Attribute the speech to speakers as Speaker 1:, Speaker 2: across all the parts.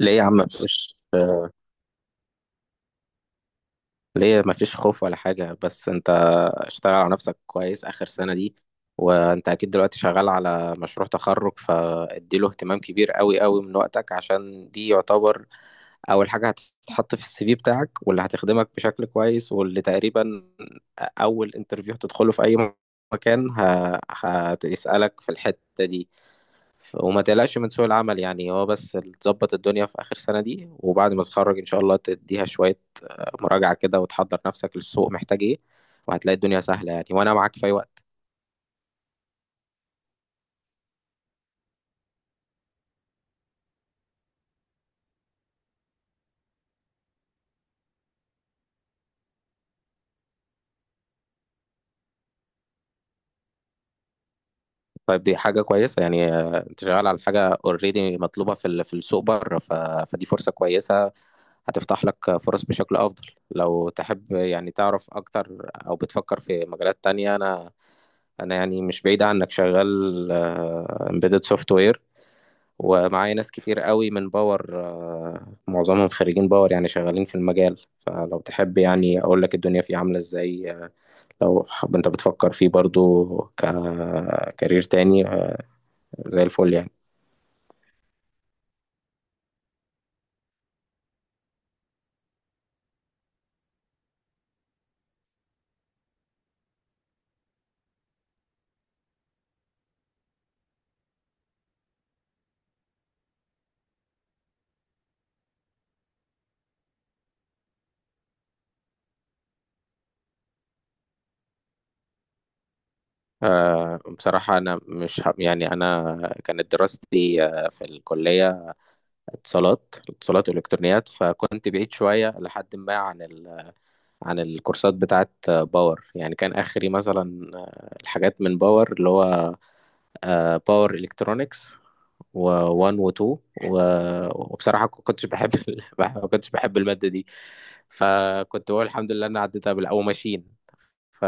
Speaker 1: ليه يا عم؟ مفيش. ليه مفيش خوف ولا حاجة، بس انت اشتغل على نفسك كويس آخر سنة دي. وانت أكيد دلوقتي شغال على مشروع تخرج، فاديله اهتمام كبير قوي قوي من وقتك، عشان دي يعتبر أول حاجة هتتحط في السي في بتاعك، واللي هتخدمك بشكل كويس، واللي تقريبا أول انترفيو هتدخله في أي مكان هتسألك في الحتة دي. وما تقلقش من سوق العمل، يعني هو بس تظبط الدنيا في آخر سنة دي، وبعد ما تتخرج إن شاء الله تديها شوية مراجعة كده، وتحضر نفسك للسوق محتاج إيه، وهتلاقي الدنيا سهلة يعني، وأنا معاك في أي وقت. طيب دي حاجة كويسة يعني، أنت شغال على حاجة أوريدي مطلوبة في السوق بره، فدي فرصة كويسة، هتفتح لك فرص بشكل أفضل. لو تحب يعني تعرف أكتر، أو بتفكر في مجالات تانية، أنا يعني مش بعيد عنك، شغال امبيدد سوفت وير، ومعايا ناس كتير قوي من باور، معظمهم خريجين باور يعني، شغالين في المجال، فلو تحب يعني اقول لك الدنيا فيه عاملة ازاي، لو حب انت بتفكر فيه برضو ككارير تاني، زي الفل يعني. بصراحة أنا مش ه- يعني أنا كانت دراستي في الكلية، اتصالات والإلكترونيات، فكنت بعيد شوية لحد ما عن الكورسات بتاعت باور يعني. كان آخري مثلا الحاجات من باور، اللي هو باور الكترونكس، و1 و2. وبصراحه ما كنتش بحب الماده دي، فكنت بقول الحمد لله انا عديتها او ماشين. ف...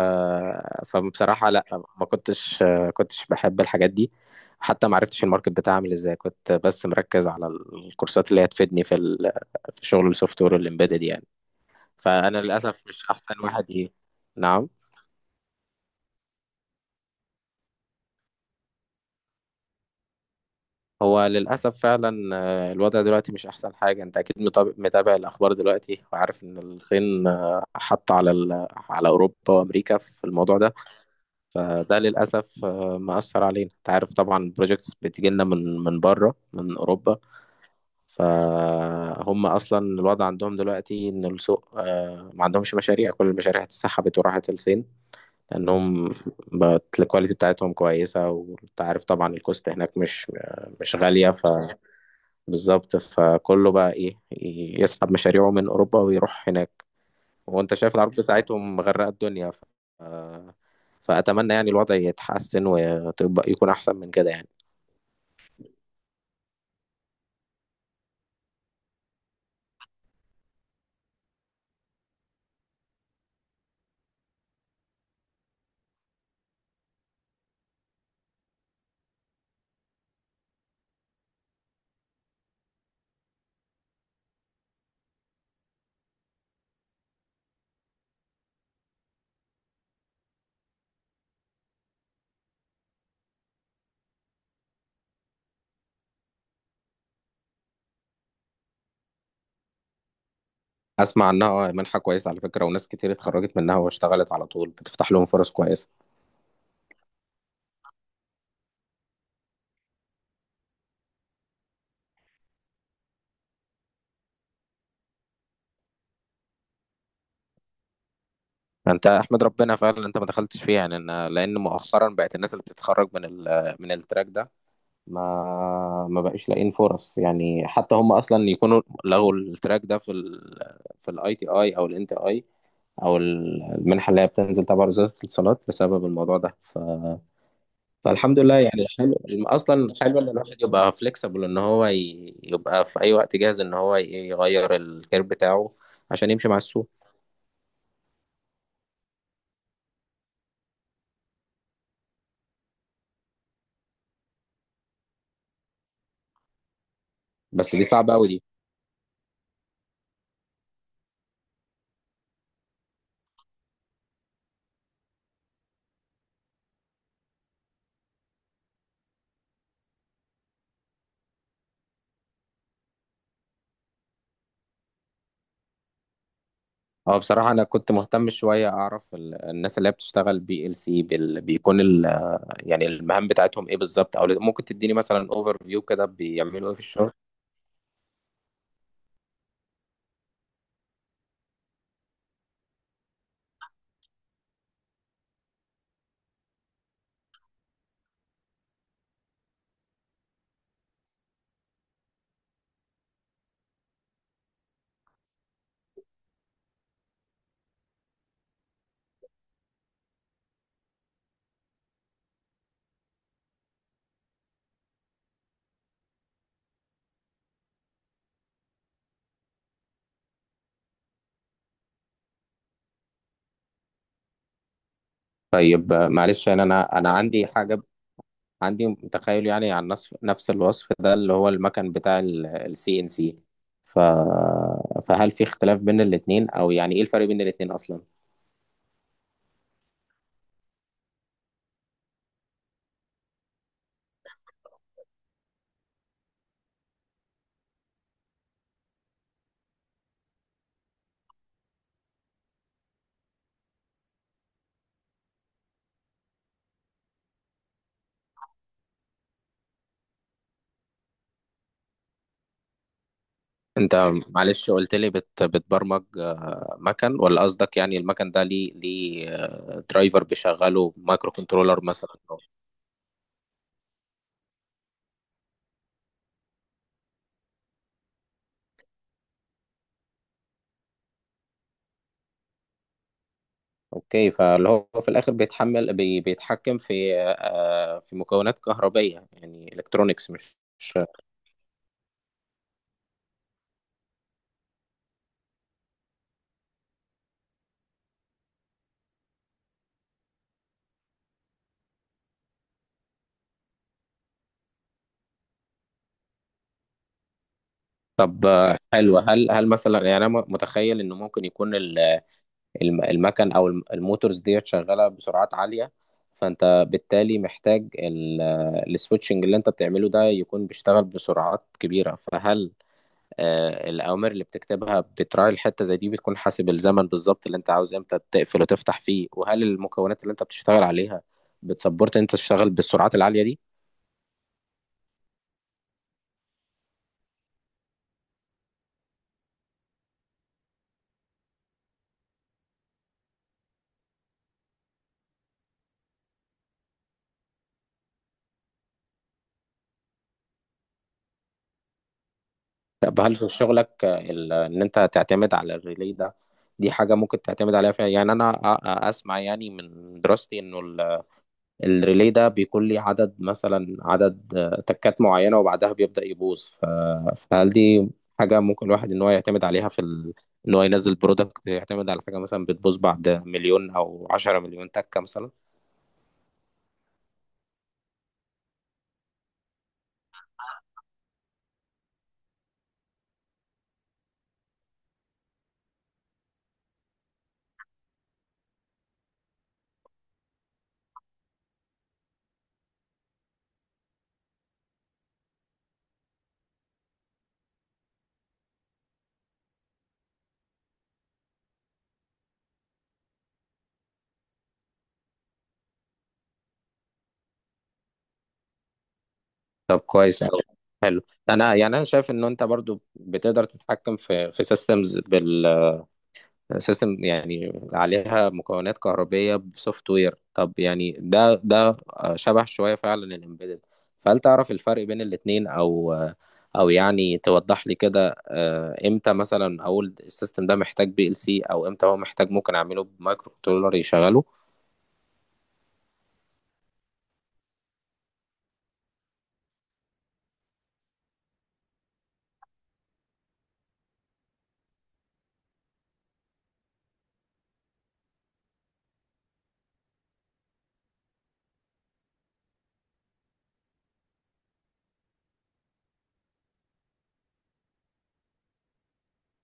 Speaker 1: فبصراحه لا، ما كنتش بحب الحاجات دي، حتى ما عرفتش الماركت بتاعي عامل ازاي، كنت بس مركز على الكورسات اللي هتفيدني في شغل السوفت وير والامبيدد يعني. فانا للاسف مش احسن واحد. نعم. هو للأسف فعلا، الوضع دلوقتي مش أحسن حاجة. أنت أكيد متابع الأخبار دلوقتي، وعارف إن الصين حط على أوروبا وأمريكا في الموضوع ده. فده للأسف مأثر علينا. أنت عارف طبعا البروجيكتس بتيجي لنا من بره، من أوروبا، فهم أصلا الوضع عندهم دلوقتي إن السوق، ما عندهمش مشاريع، كل المشاريع اتسحبت وراحت الصين، لأنهم بقت الكواليتي بتاعتهم كويسة، وأنت عارف طبعا الكوست هناك مش غالية، ف بالظبط، فكله بقى ايه يسحب مشاريعه من اوروبا ويروح هناك، وانت شايف العروض بتاعتهم مغرقه الدنيا، فاتمنى يعني الوضع يتحسن، وتبقى يكون احسن من كده يعني. اسمع عنها، منحه كويسه على فكره، وناس كتير اتخرجت منها واشتغلت على طول، بتفتح لهم فرص كويسه. انت احمد ربنا فعلا انت ما دخلتش فيها يعني، لان مؤخرا بقت الناس اللي بتتخرج من التراك ده ما بقاش لاقيين فرص يعني، حتى هم اصلا يكونوا لغوا التراك ده في الاي تي اي او الان تي اي، او المنحه اللي هي بتنزل تبع وزاره الاتصالات، بسبب الموضوع ده، فالحمد لله يعني، حلو. اصلا حلو ان الواحد يبقى فليكسبل، ان هو يبقى في اي وقت جاهز ان هو يغير الكير بتاعه، عشان يمشي مع السوق. بس دي صعبه قوي دي. اه، بصراحه انا كنت مهتم شويه اعرف الناس اللي هي بتشتغل بي ال سي، بيكون يعني المهام بتاعتهم ايه بالظبط، او ممكن تديني مثلا اوفر فيو كده بيعملوا ايه في الشغل. طيب، معلش انا انا أنا عندي حاجه، عندي تخيل يعني عن نفس الوصف ده، اللي هو المكن بتاع السي ان سي، ف، فهل في اختلاف بين الاثنين، او يعني ايه الفرق بين الاثنين اصلا؟ انت، معلش قلت لي بتبرمج مكن، ولا قصدك يعني المكن ده ليه درايفر بيشغله مايكرو كنترولر مثلا؟ اوكي، فاللي هو في الاخر بيتحمل بي بيتحكم في مكونات كهربائيه يعني، الكترونيكس مش. طب، حلو. هل مثلا، يعني انا متخيل انه ممكن يكون المكن او الموتورز ديت شغاله بسرعات عاليه، فانت بالتالي محتاج السويتشنج اللي انت بتعمله ده يكون بيشتغل بسرعات كبيره، فهل الأوامر اللي بتكتبها بتراعي الحتة زي دي، بتكون حاسب الزمن بالظبط اللي أنت عاوز إمتى تقفل وتفتح فيه، وهل المكونات اللي أنت بتشتغل عليها بتسبورت أنت تشتغل بالسرعات العالية دي؟ طب، هل في شغلك إن أنت تعتمد على الريلي ده، دي حاجة ممكن تعتمد عليها فيها يعني، أنا أسمع يعني من دراستي إنه الريلي ده بيكون ليه عدد مثلا، عدد تكات معينة، وبعدها بيبدأ يبوظ، فهل دي حاجة ممكن الواحد إن هو يعتمد عليها في إن هو ينزل برودكت يعتمد على حاجة مثلا بتبوظ بعد مليون أو 10 مليون تكة مثلا؟ طب كويس أوي، حلو. أنا يعني أنا شايف إن أنت برضو بتقدر تتحكم في سيستمز، سيستم يعني عليها مكونات كهربية بسوفت وير. طب يعني ده شبه شوية فعلا الامبيدد، فهل تعرف الفرق بين الاتنين، او يعني توضح لي كده، امتى مثلا اقول السيستم ده محتاج بي ال سي، او امتى هو محتاج ممكن اعمله بمايكرو كنترولر يشغله؟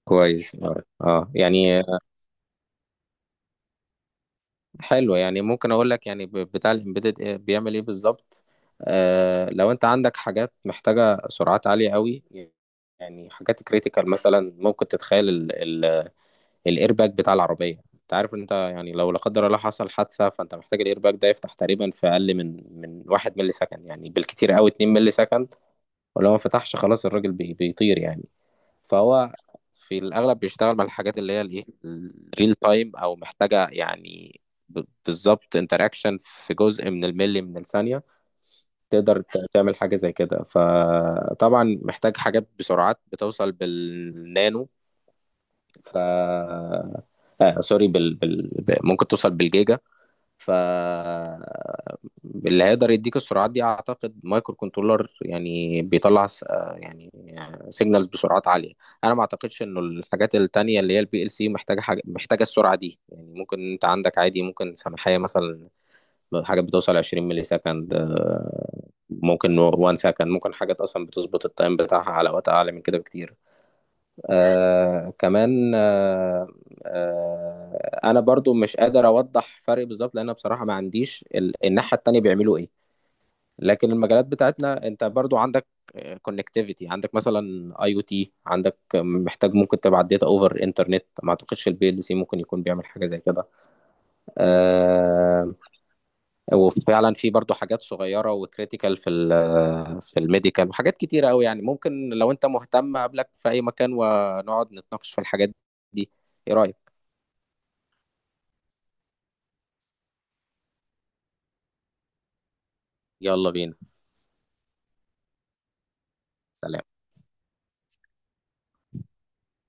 Speaker 1: كويس، اه. يعني، حلو، يعني ممكن اقول لك يعني بتاع الامبيدد إيه، بيعمل ايه بالظبط. لو انت عندك حاجات محتاجه سرعات عاليه قوي، يعني حاجات كريتيكال مثلا، ممكن تتخيل الايرباك بتاع العربيه، انت عارف، انت يعني لو لا قدر الله حصل حادثه، فانت محتاج الايرباك ده يفتح تقريبا في اقل من 1 ملي سكند، يعني بالكتير قوي 2 ملي سكند، ولو ما فتحش خلاص الراجل بيطير يعني. فهو في الأغلب بيشتغل مع الحاجات اللي هي الإيه الريل تايم، أو محتاجة يعني بالظبط انتراكشن في جزء من الملي من الثانية، تقدر تعمل حاجة زي كده، فطبعا محتاج حاجات بسرعات بتوصل بالنانو، ف، سوري، ممكن توصل بالجيجا، ف اللي هيقدر يديك السرعات دي اعتقد مايكرو كنترولر، يعني بيطلع يعني سيجنالز بسرعات عاليه. انا ما اعتقدش انه الحاجات التانية اللي هي البي ال سي محتاجه حاجه، محتاجه السرعه دي يعني، ممكن انت عندك عادي، ممكن سماحيه مثلا حاجات بتوصل 20 ملي سكند، ممكن 1 سكند، ممكن حاجات اصلا بتظبط التايم بتاعها على وقت اعلى من كده بكتير. كمان، انا برضو مش قادر اوضح فرق بالظبط، لان أنا بصراحه ما عنديش الناحيه التانية بيعملوا ايه، لكن المجالات بتاعتنا انت برضو عندك كونكتيفيتي، عندك مثلا اي او تي، عندك محتاج ممكن تبعت داتا اوفر انترنت، ما اعتقدش البي ال سي ممكن يكون بيعمل حاجه زي كده آه، وفعلا في برضو حاجات صغيره وكريتيكال في الميديكال، وحاجات كتيره قوي يعني، ممكن لو انت مهتم اقابلك في اي مكان ونقعد نتناقش في الحاجات دي. ايه رايك؟ يلا بينا. سلام.